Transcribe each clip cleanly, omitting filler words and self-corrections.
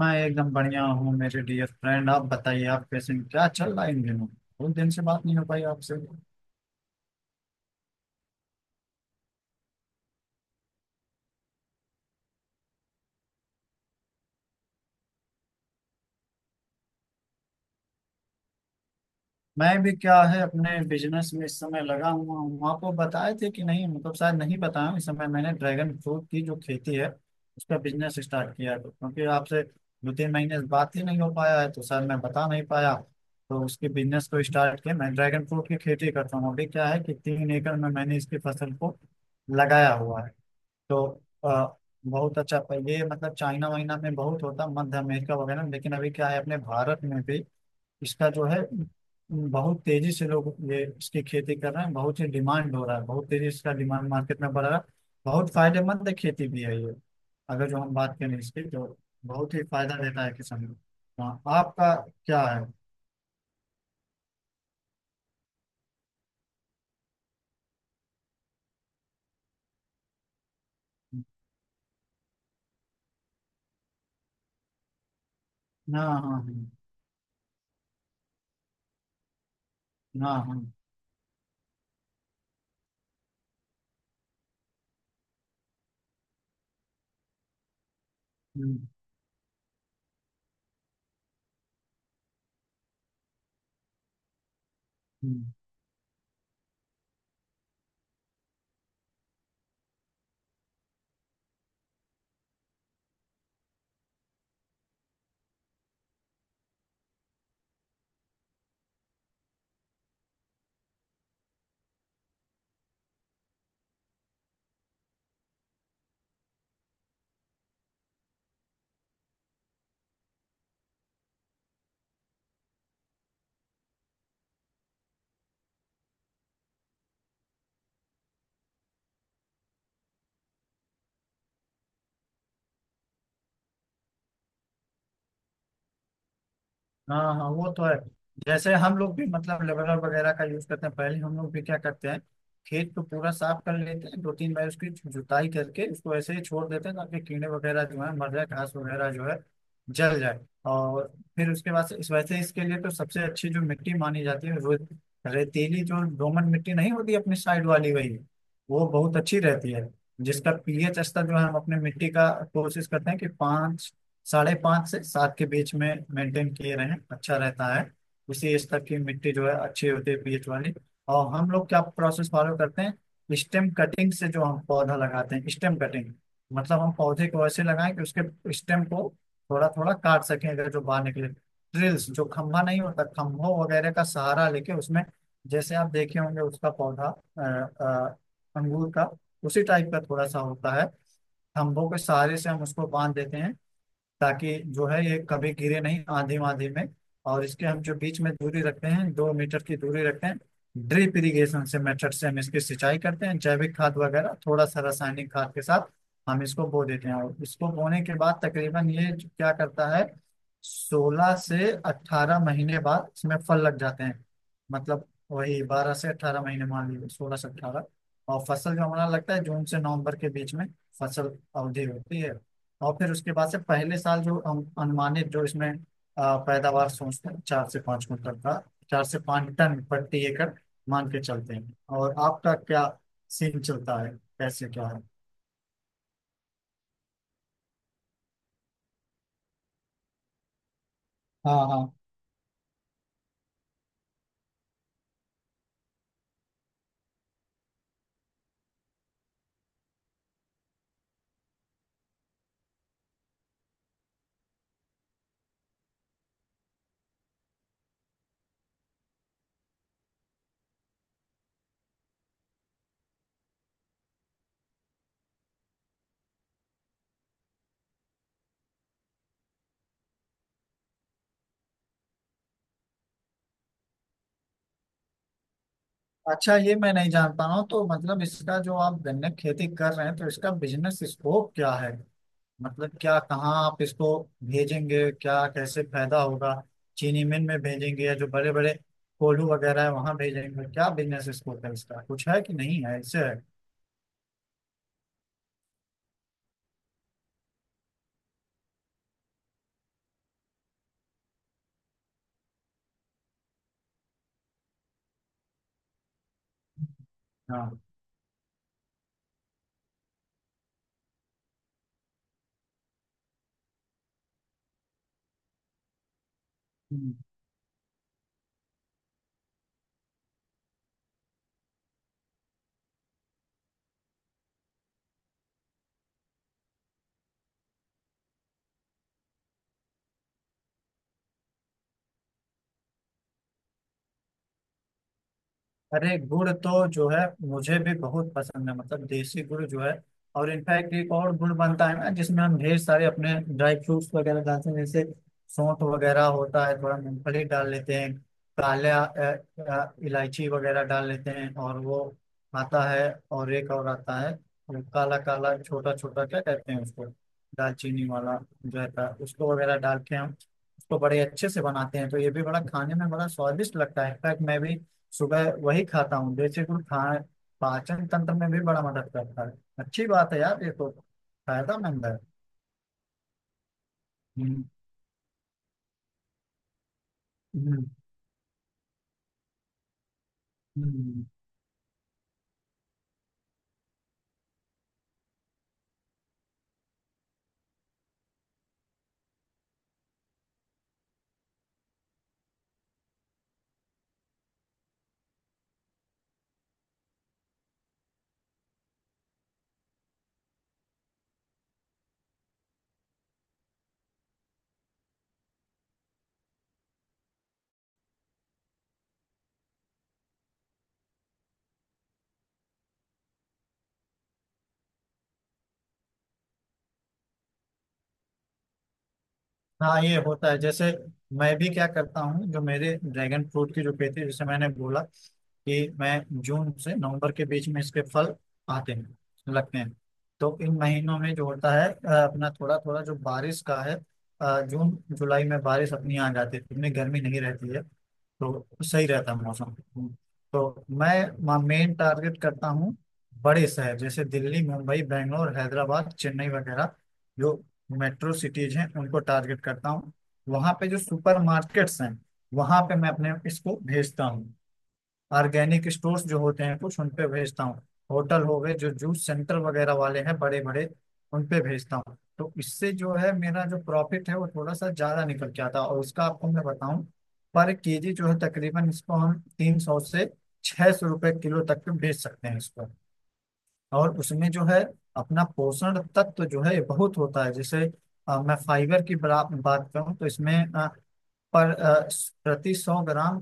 मैं एकदम बढ़िया हूँ मेरे डियर फ्रेंड। आप बताइए, आप कैसे हैं? क्या चल रहा है इन दिनों? बहुत दिन से बात नहीं हो पाई आपसे। मैं भी क्या है, अपने बिजनेस में इस समय लगा हुआ हूँ। आपको बताए थे कि नहीं, मतलब शायद नहीं बताया। इस समय मैंने ड्रैगन फ्रूट की जो खेती है उसका बिजनेस स्टार्ट किया है। क्योंकि आपसे 2 3 महीने से बात ही नहीं हो पाया है तो शायद मैं बता नहीं पाया। तो उसके बिजनेस को स्टार्ट किया। मैं ड्रैगन फ्रूट की खेती करता हूँ। अभी क्या है कि 3 एकड़ में मैंने इसकी फसल को लगाया हुआ है। तो आ, बहुत अच्छा। पहले मतलब चाइना वाइना में बहुत होता, मध्य अमेरिका वगैरह में, लेकिन अभी क्या है, अपने भारत में भी इसका जो है बहुत तेजी से लोग ये इसकी खेती कर रहे हैं। बहुत ही डिमांड हो रहा है, बहुत तेजी से इसका डिमांड मार्केट में बढ़ रहा है। बहुत फायदेमंद खेती भी है ये, अगर जो हम बात करें इसकी तो। बहुत ही फायदा देता है किसान को। हाँ, आपका क्या है? हाँ, हाँ, हाँ, हाँ, हाँ। हम्म, हम्म, हाँ, हाँ, वो तो है। जैसे हम लोग भी, मतलब लेवलर वगैरह का यूज करते हैं। पहले हम लोग भी क्या करते हैं, खेत को पूरा साफ कर लेते हैं, 2 3 बार उसकी जुताई करके उसको ऐसे ही छोड़ देते हैं ताकि कीड़े वगैरह जो है मर जाए, घास वगैरह जो है जल जाए। और फिर उसके बाद से, इस वैसे इसके लिए तो सबसे अच्छी जो मिट्टी मानी जाती है वो रेतीली जो दोमट मिट्टी नहीं होती अपनी साइड वाली, वही वो बहुत अच्छी रहती है। जिसका पीएच स्तर जो है हम अपने मिट्टी का कोशिश करते हैं कि पाँच, साढ़े पाँच से सात के बीच में मेंटेन किए रहें, अच्छा रहता है। उसी स्तर की मिट्टी जो है अच्छी होती है, पीएच वाली। और हम लोग क्या प्रोसेस फॉलो करते हैं, स्टेम कटिंग से जो हम पौधा लगाते हैं, स्टेम कटिंग। मतलब हम पौधे को ऐसे लगाएं कि उसके स्टेम को थोड़ा थोड़ा काट सकें, अगर जो बाहर निकले ड्रिल्स, जो खम्भा नहीं होता, खम्भों वगैरह का सहारा लेके उसमें। जैसे आप देखे होंगे उसका पौधा अ, अ, अंगूर का उसी टाइप का थोड़ा सा होता है। खम्भों के सहारे से हम उसको बांध देते हैं ताकि जो है ये कभी गिरे नहीं आंधी वांधी में। और इसके हम जो बीच में दूरी रखते हैं, 2 मीटर की दूरी रखते हैं। ड्रिप इरिगेशन से, मेथड से हम इसकी सिंचाई करते हैं, जैविक खाद वगैरह थोड़ा सा रासायनिक खाद के साथ हम इसको बो देते हैं। और इसको बोने के बाद तकरीबन ये क्या करता है, 16 से 18 महीने बाद इसमें फल लग जाते हैं। मतलब वही 12 से 18 महीने, मान लीजिए 16 से 18। और फसल जो हमारा लगता है जून से नवंबर के बीच में फसल अवधि होती है। और फिर उसके बाद से, पहले साल जो अनुमानित जो इसमें पैदावार सोचते हैं, 4 से 5 कुंटल का, 4 से 5 टन प्रति एकड़ मान के चलते हैं। और आपका क्या सीन चलता है, कैसे क्या है? हाँ, हाँ। अच्छा, ये मैं नहीं जानता हूँ, तो मतलब इसका, जो आप गन्ने की खेती कर रहे हैं, तो इसका बिजनेस स्कोप क्या है? मतलब क्या, कहाँ आप इसको भेजेंगे, क्या कैसे फायदा होगा? चीनी मिल में भेजेंगे या जो बड़े बड़े कोल्हू वगैरह है वहां भेजेंगे? क्या बिजनेस स्कोप है इसका, कुछ है कि नहीं है, ऐसे है? हाँ। हम्म। अरे गुड़ तो जो है मुझे भी बहुत पसंद है, मतलब देसी गुड़ जो है। और इनफैक्ट एक और गुड़ बनता है ना, जिसमें हम ढेर सारे अपने ड्राई फ्रूट्स वगैरह डालते हैं, जैसे सौंठ वगैरह होता है, थोड़ा मूंगफली डाल लेते हैं, काला इलायची वगैरह डाल लेते हैं, और वो आता है। और एक और आता है, वो काला काला छोटा छोटा, क्या कहते हैं उसको, दालचीनी वाला जो रहता है उसको वगैरह डाल के हम उसको बड़े अच्छे से बनाते हैं। तो ये भी बड़ा, खाने में बड़ा स्वादिष्ट लगता है। इनफैक्ट मैं भी सुबह वही खाता हूँ, देसी गुड़ खाए। पाचन तंत्र में भी बड़ा मदद करता है। अच्छी बात है यार ये तो, फायदामंद है। हम्म, हम्म, हम्म। हाँ, ये होता है। जैसे मैं भी क्या करता हूँ, जो मेरे ड्रैगन फ्रूट की जो खेती है, जैसे मैंने बोला कि मैं जून से नवंबर के बीच में इसके फल आते हैं, लगते हैं। तो इन महीनों में जो होता है, अपना थोड़ा थोड़ा जो बारिश का है, जून जुलाई में बारिश अपनी आ जाती है, इतनी गर्मी नहीं रहती है, तो सही रहता है मौसम। तो मैं मेन टारगेट करता हूँ बड़े शहर, जैसे दिल्ली, मुंबई, बेंगलोर, हैदराबाद, चेन्नई वगैरह जो मेट्रो सिटीज हैं उनको टारगेट करता हूँ। वहाँ पे जो सुपर मार्केट्स हैं वहाँ पे मैं अपने इसको भेजता हूँ। ऑर्गेनिक स्टोर्स जो होते हैं कुछ उन पे भेजता हूँ। होटल हो गए, जो जूस सेंटर वगैरह वाले हैं बड़े बड़े उन पे भेजता हूँ। तो इससे जो है मेरा जो प्रॉफिट है वो थोड़ा सा ज्यादा निकल के आता है। और उसका आपको मैं बताऊं, पर केजी जो है तकरीबन इसको हम 300 से 600 रुपए किलो तक के बेच सकते हैं इसको। और उसमें जो है अपना पोषण तत्व जो है बहुत होता है। जैसे मैं फाइबर की बात करूं तो इसमें पर प्रति 100 ग्राम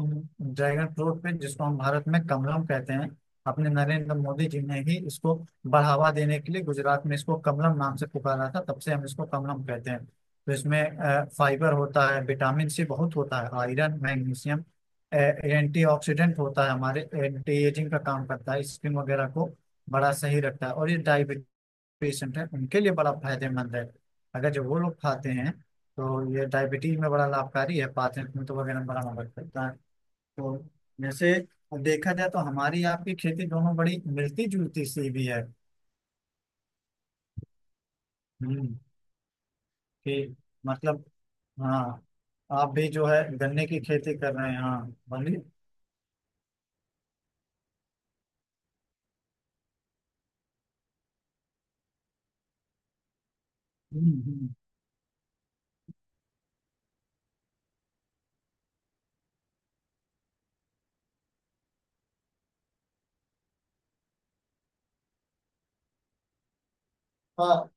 ड्रैगन फ्रूट पे, जिसको हम भारत में कमलम कहते हैं, अपने नरेंद्र मोदी जी ने ही इसको बढ़ावा देने के लिए गुजरात में इसको कमलम नाम से पुकारा था, तब से हम इसको कमलम कहते हैं। तो इसमें फाइबर होता है, विटामिन सी बहुत होता है, आयरन, मैग्नीशियम, एंटी ऑक्सीडेंट होता है, हमारे एंटी एजिंग का काम करता है, स्किन वगैरह को बड़ा सही रखता है। और ये डायबिटीज पेशेंट है उनके लिए बड़ा फायदेमंद है, अगर जब वो लोग खाते हैं तो ये डायबिटीज में बड़ा लाभकारी है। पाचनतंत्र वगैरह में बड़ा मदद करता है। तो जैसे देखा जाए तो हमारी आपकी खेती दोनों बड़ी मिलती जुलती सी भी है। हम्म। कि मतलब, हाँ, आप भी जो है गन्ने की खेती कर रहे हैं, हाँ, बोलिए। हम्म हम्म। हाँ,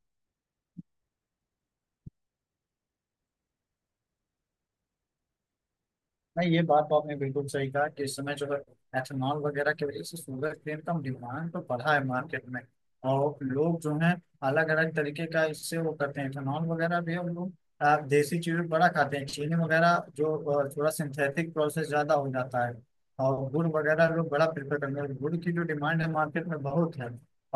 नहीं, ये बात तो आपने बिल्कुल सही कहा कि इस समय जो है एथेनॉल वगैरह की वजह से शुगर केन का डिमांड तो बढ़ा है मार्केट में। और लोग जो है अलग अलग तरीके का इससे वो करते हैं, एथेनॉल वगैरह भी। हम लोग देसी चीजें बड़ा खाते हैं, चीनी वगैरह जो थोड़ा सिंथेटिक प्रोसेस ज्यादा हो जाता है, और गुड़ वगैरह लोग बड़ा प्रेफर करते हैं। गुड़ की जो डिमांड है मार्केट में बहुत है।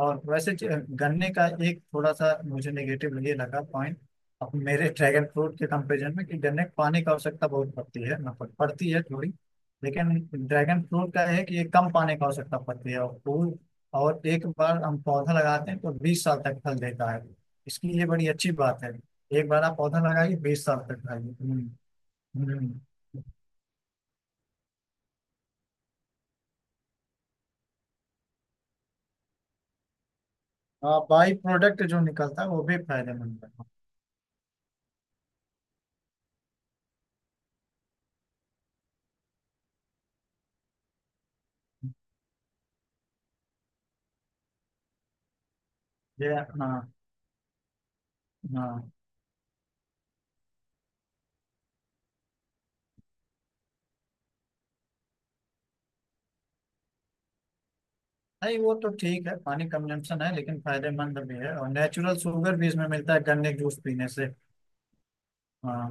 और वैसे गन्ने का एक थोड़ा सा मुझे नेगेटिव ये लगा पॉइंट, अब मेरे ड्रैगन फ्रूट के कंपेरिजन में, कि गन्ने को पानी की आवश्यकता बहुत पड़ती है ना, पड़ती है थोड़ी। लेकिन ड्रैगन फ्रूट का है कि ये कम पानी की आवश्यकता पड़ती है। और फूल, और एक बार हम पौधा लगाते हैं तो 20 साल तक फल देता है, इसकी ये बड़ी अच्छी बात है। एक बार आप पौधा लगाइए, 20 साल तक खाइए। हम्म। हाँ, बाई प्रोडक्ट जो निकलता है वो भी फायदेमंद है। ये, हाँ, हाँ। नहीं, वो तो ठीक है, पानी कंजम्पशन है, लेकिन फायदेमंद भी है, और नेचुरल शुगर भी इसमें मिलता है गन्ने के जूस पीने से। हाँ,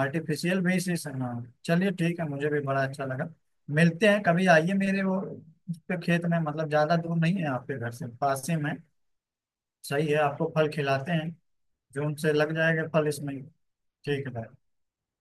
आर्टिफिशियल भी इसी से, हाँ। चलिए ठीक है, मुझे भी बड़ा अच्छा लगा। मिलते हैं कभी, आइए मेरे वो उस पे खेत में, मतलब ज्यादा दूर नहीं है आपके घर से, पास ही में। सही है, आपको फल खिलाते हैं, जून से लग जाएगा फल इसमें। ठीक है भाई।